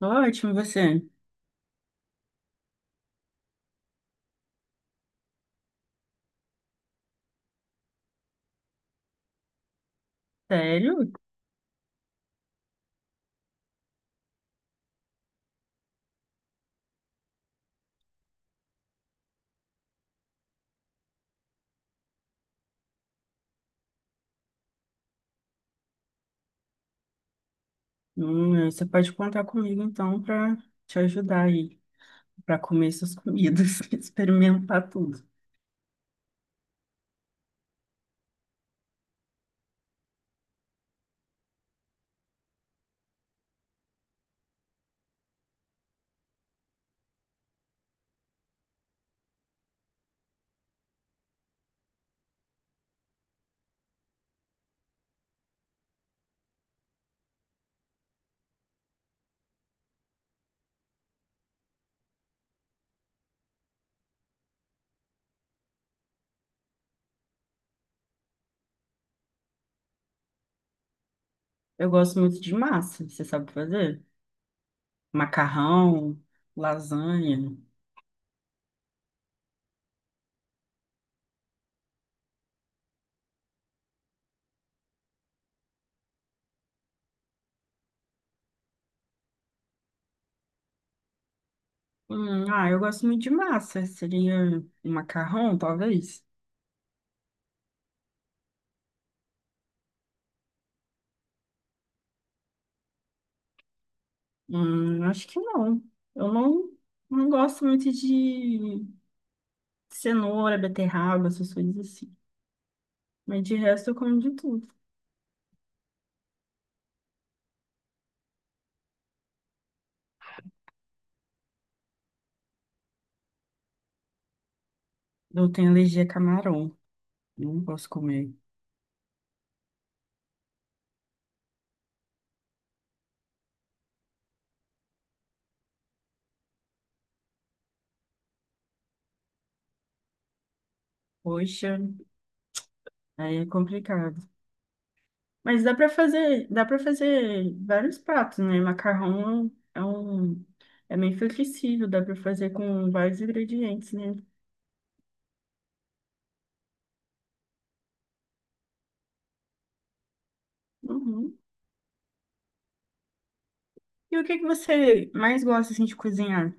Ótimo, você. Sério? Você pode contar comigo então para te ajudar aí, para comer essas comidas, experimentar tudo. Eu gosto muito de massa, você sabe fazer? Macarrão, lasanha. Eu gosto muito de massa. Seria um macarrão, talvez? Acho que não. Eu não, Não gosto muito de cenoura, beterraba, essas coisas assim. Mas de resto eu como de tudo. Eu tenho alergia a camarão. Não posso comer. Poxa, aí é complicado. Mas dá para fazer vários pratos, né? Macarrão é é meio flexível, dá para fazer com vários ingredientes, né? Uhum. E o que que você mais gosta assim de cozinhar?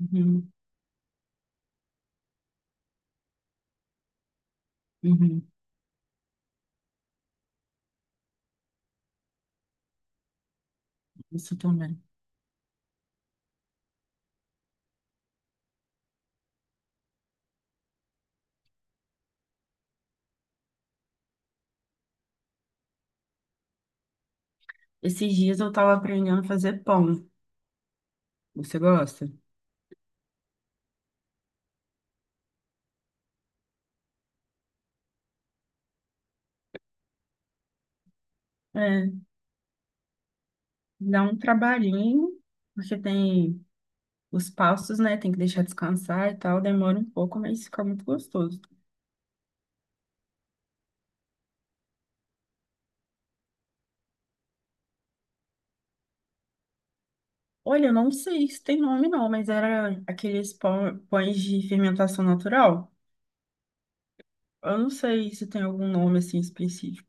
Uhum, uhum. Isso também. Esses dias eu tava aprendendo a fazer pão. Você gosta? É, dá um trabalhinho, porque tem os passos, né? Tem que deixar descansar e tal, demora um pouco, mas fica muito gostoso. Olha, eu não sei se tem nome não, mas era aqueles pães de fermentação natural. Eu não sei se tem algum nome assim específico.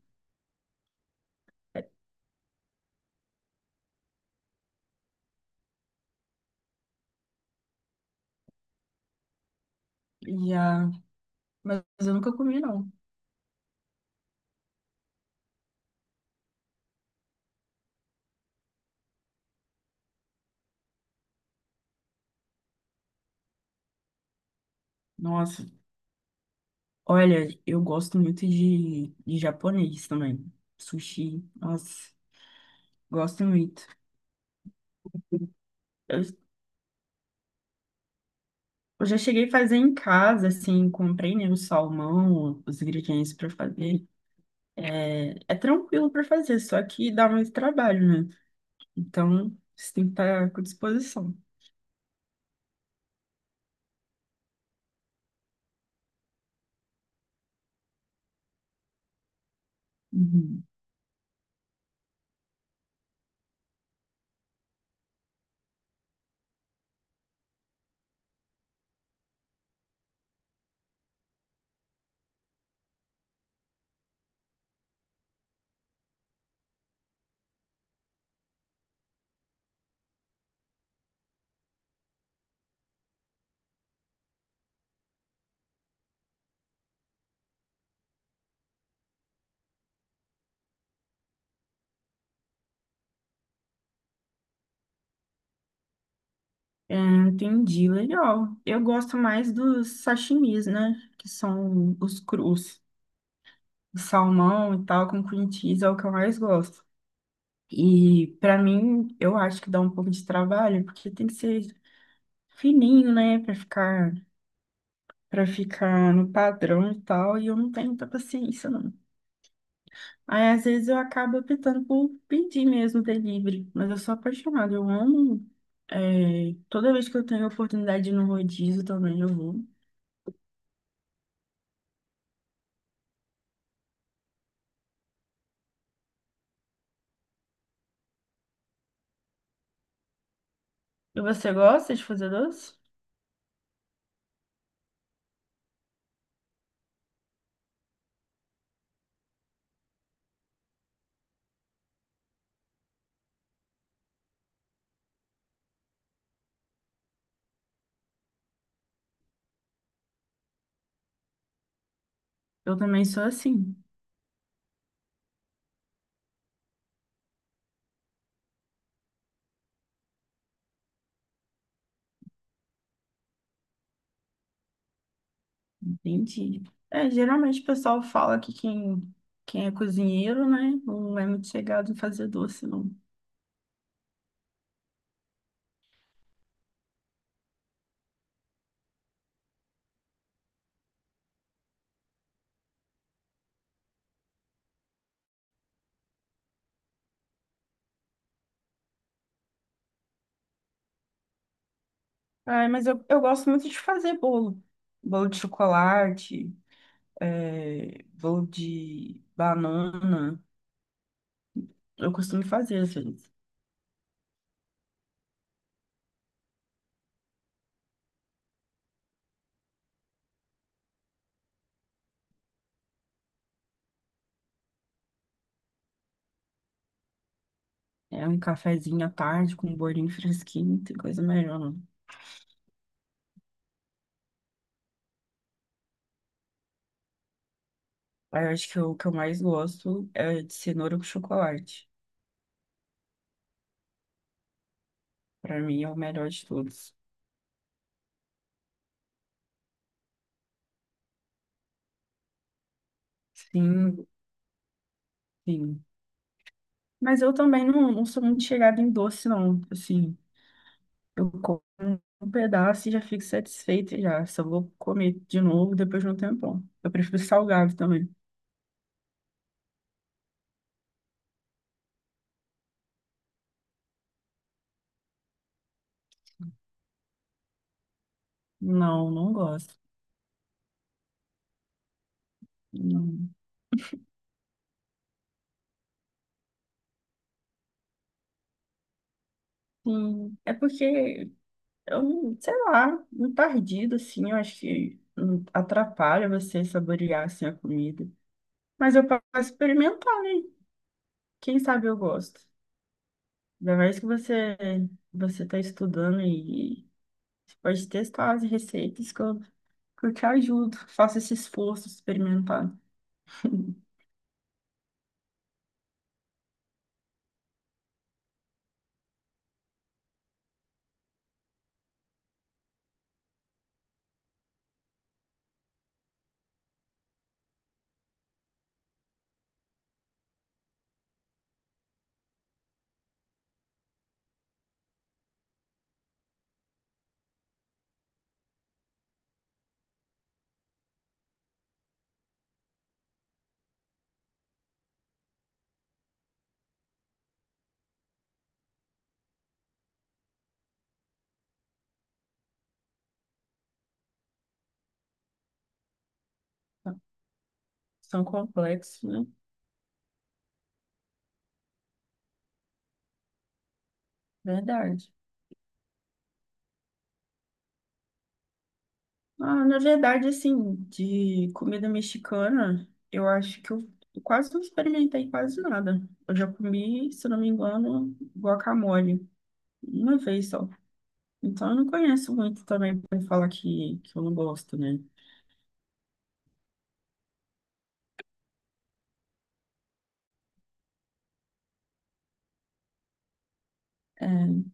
E, ah, mas eu nunca comi não. Nossa, olha, eu gosto muito de japonês também. Sushi, nossa, gosto muito. Eu, eu já cheguei a fazer em casa, assim, comprei, né, o salmão, os ingredientes para fazer. É tranquilo para fazer, só que dá mais trabalho, né? Então, você tem que estar com disposição. Uhum. É, entendi, legal. Eu gosto mais dos sashimis, né? Que são os crus, de salmão e tal, com cream cheese é o que eu mais gosto. E pra mim, eu acho que dá um pouco de trabalho, porque tem que ser fininho, né? Para ficar no padrão e tal, e eu não tenho muita paciência, não. Aí, às vezes, eu acabo optando por pedir mesmo delivery, mas eu sou apaixonada, eu amo. É, toda vez que eu tenho a oportunidade de ir no rodízio também, eu vou. E você gosta de fazer doce? Eu também sou assim. Entendi. É, geralmente o pessoal fala que quem é cozinheiro, né, não é muito chegado em fazer doce, não. Ai, mas eu gosto muito de fazer bolo. Bolo de chocolate, bolo de banana. Eu costumo fazer, às vezes. É um cafezinho à tarde com um bolinho fresquinho, não tem coisa melhor, não. Aí eu acho que o que eu mais gosto é de cenoura com chocolate. Pra mim é o melhor de todos. Sim, sim. Mas eu também não sou muito chegada em doce, não. Assim, eu como um pedaço e já fico satisfeita já. Só vou comer de novo depois de um tempão. Eu prefiro salgado também. Não, não gosto. Não. Sim, é porque eu, não- sei lá, muito tardido assim, eu acho que atrapalha você saborear, assim, a comida. Mas eu posso experimentar, né? Quem sabe eu gosto. Ainda mais que você tá estudando. Você pode testar as receitas que que eu te ajudo. Faça esse esforço de experimentar. São complexos, né? Verdade. Ah, na verdade, assim, de comida mexicana, eu acho que eu quase não experimentei quase nada. Eu já comi, se não me engano, guacamole, uma vez só. Então, eu não conheço muito também para falar que eu não gosto, né? É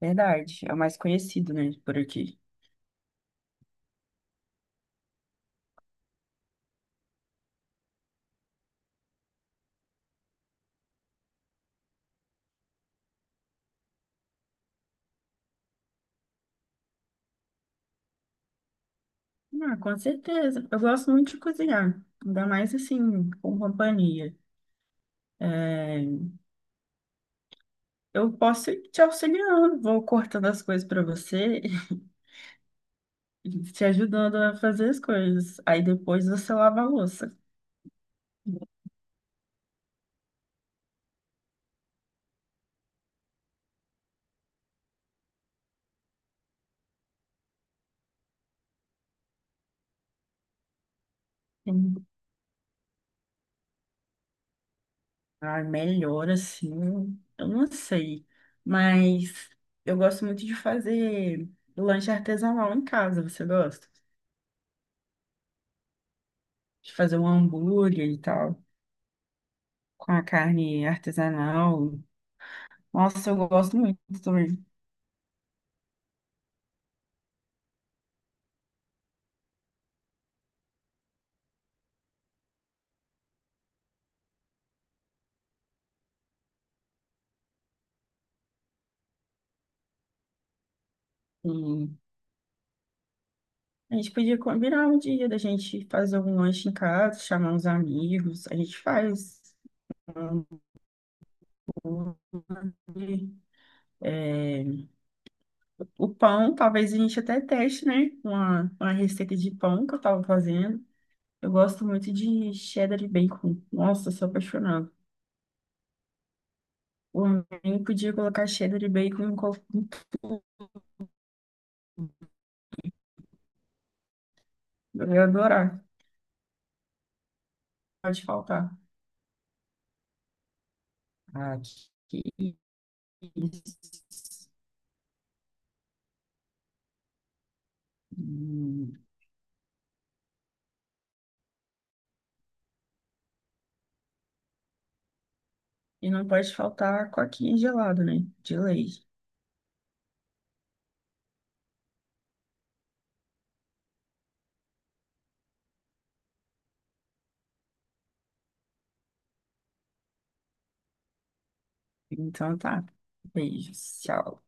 verdade, é o mais conhecido, né, por aqui. Ah, com certeza. Eu gosto muito de cozinhar, ainda mais assim, com companhia. É, eu posso ir te auxiliando, vou cortando as coisas para você e te ajudando a fazer as coisas. Aí depois você lava a louça. Sim. Ah, melhor assim, eu não sei. Mas eu gosto muito de fazer lanche artesanal em casa. Você gosta? De fazer um hambúrguer e tal, com a carne artesanal. Nossa, eu gosto muito também. Hum. A gente podia combinar um dia da gente fazer um lanche em casa, chamar uns amigos, a gente faz um hambúrguer. É, o pão, talvez a gente até teste, né? Uma receita de pão que eu tava fazendo. Eu gosto muito de cheddar e bacon. Nossa, eu sou apaixonada. Por mim, podia colocar cheddar e bacon em qualquer. Eu ia adorar. Pode faltar. Ah, que isso. Hum. E não pode faltar coquinha gelada, né? De leite. Então tá. Beijos. Tchau.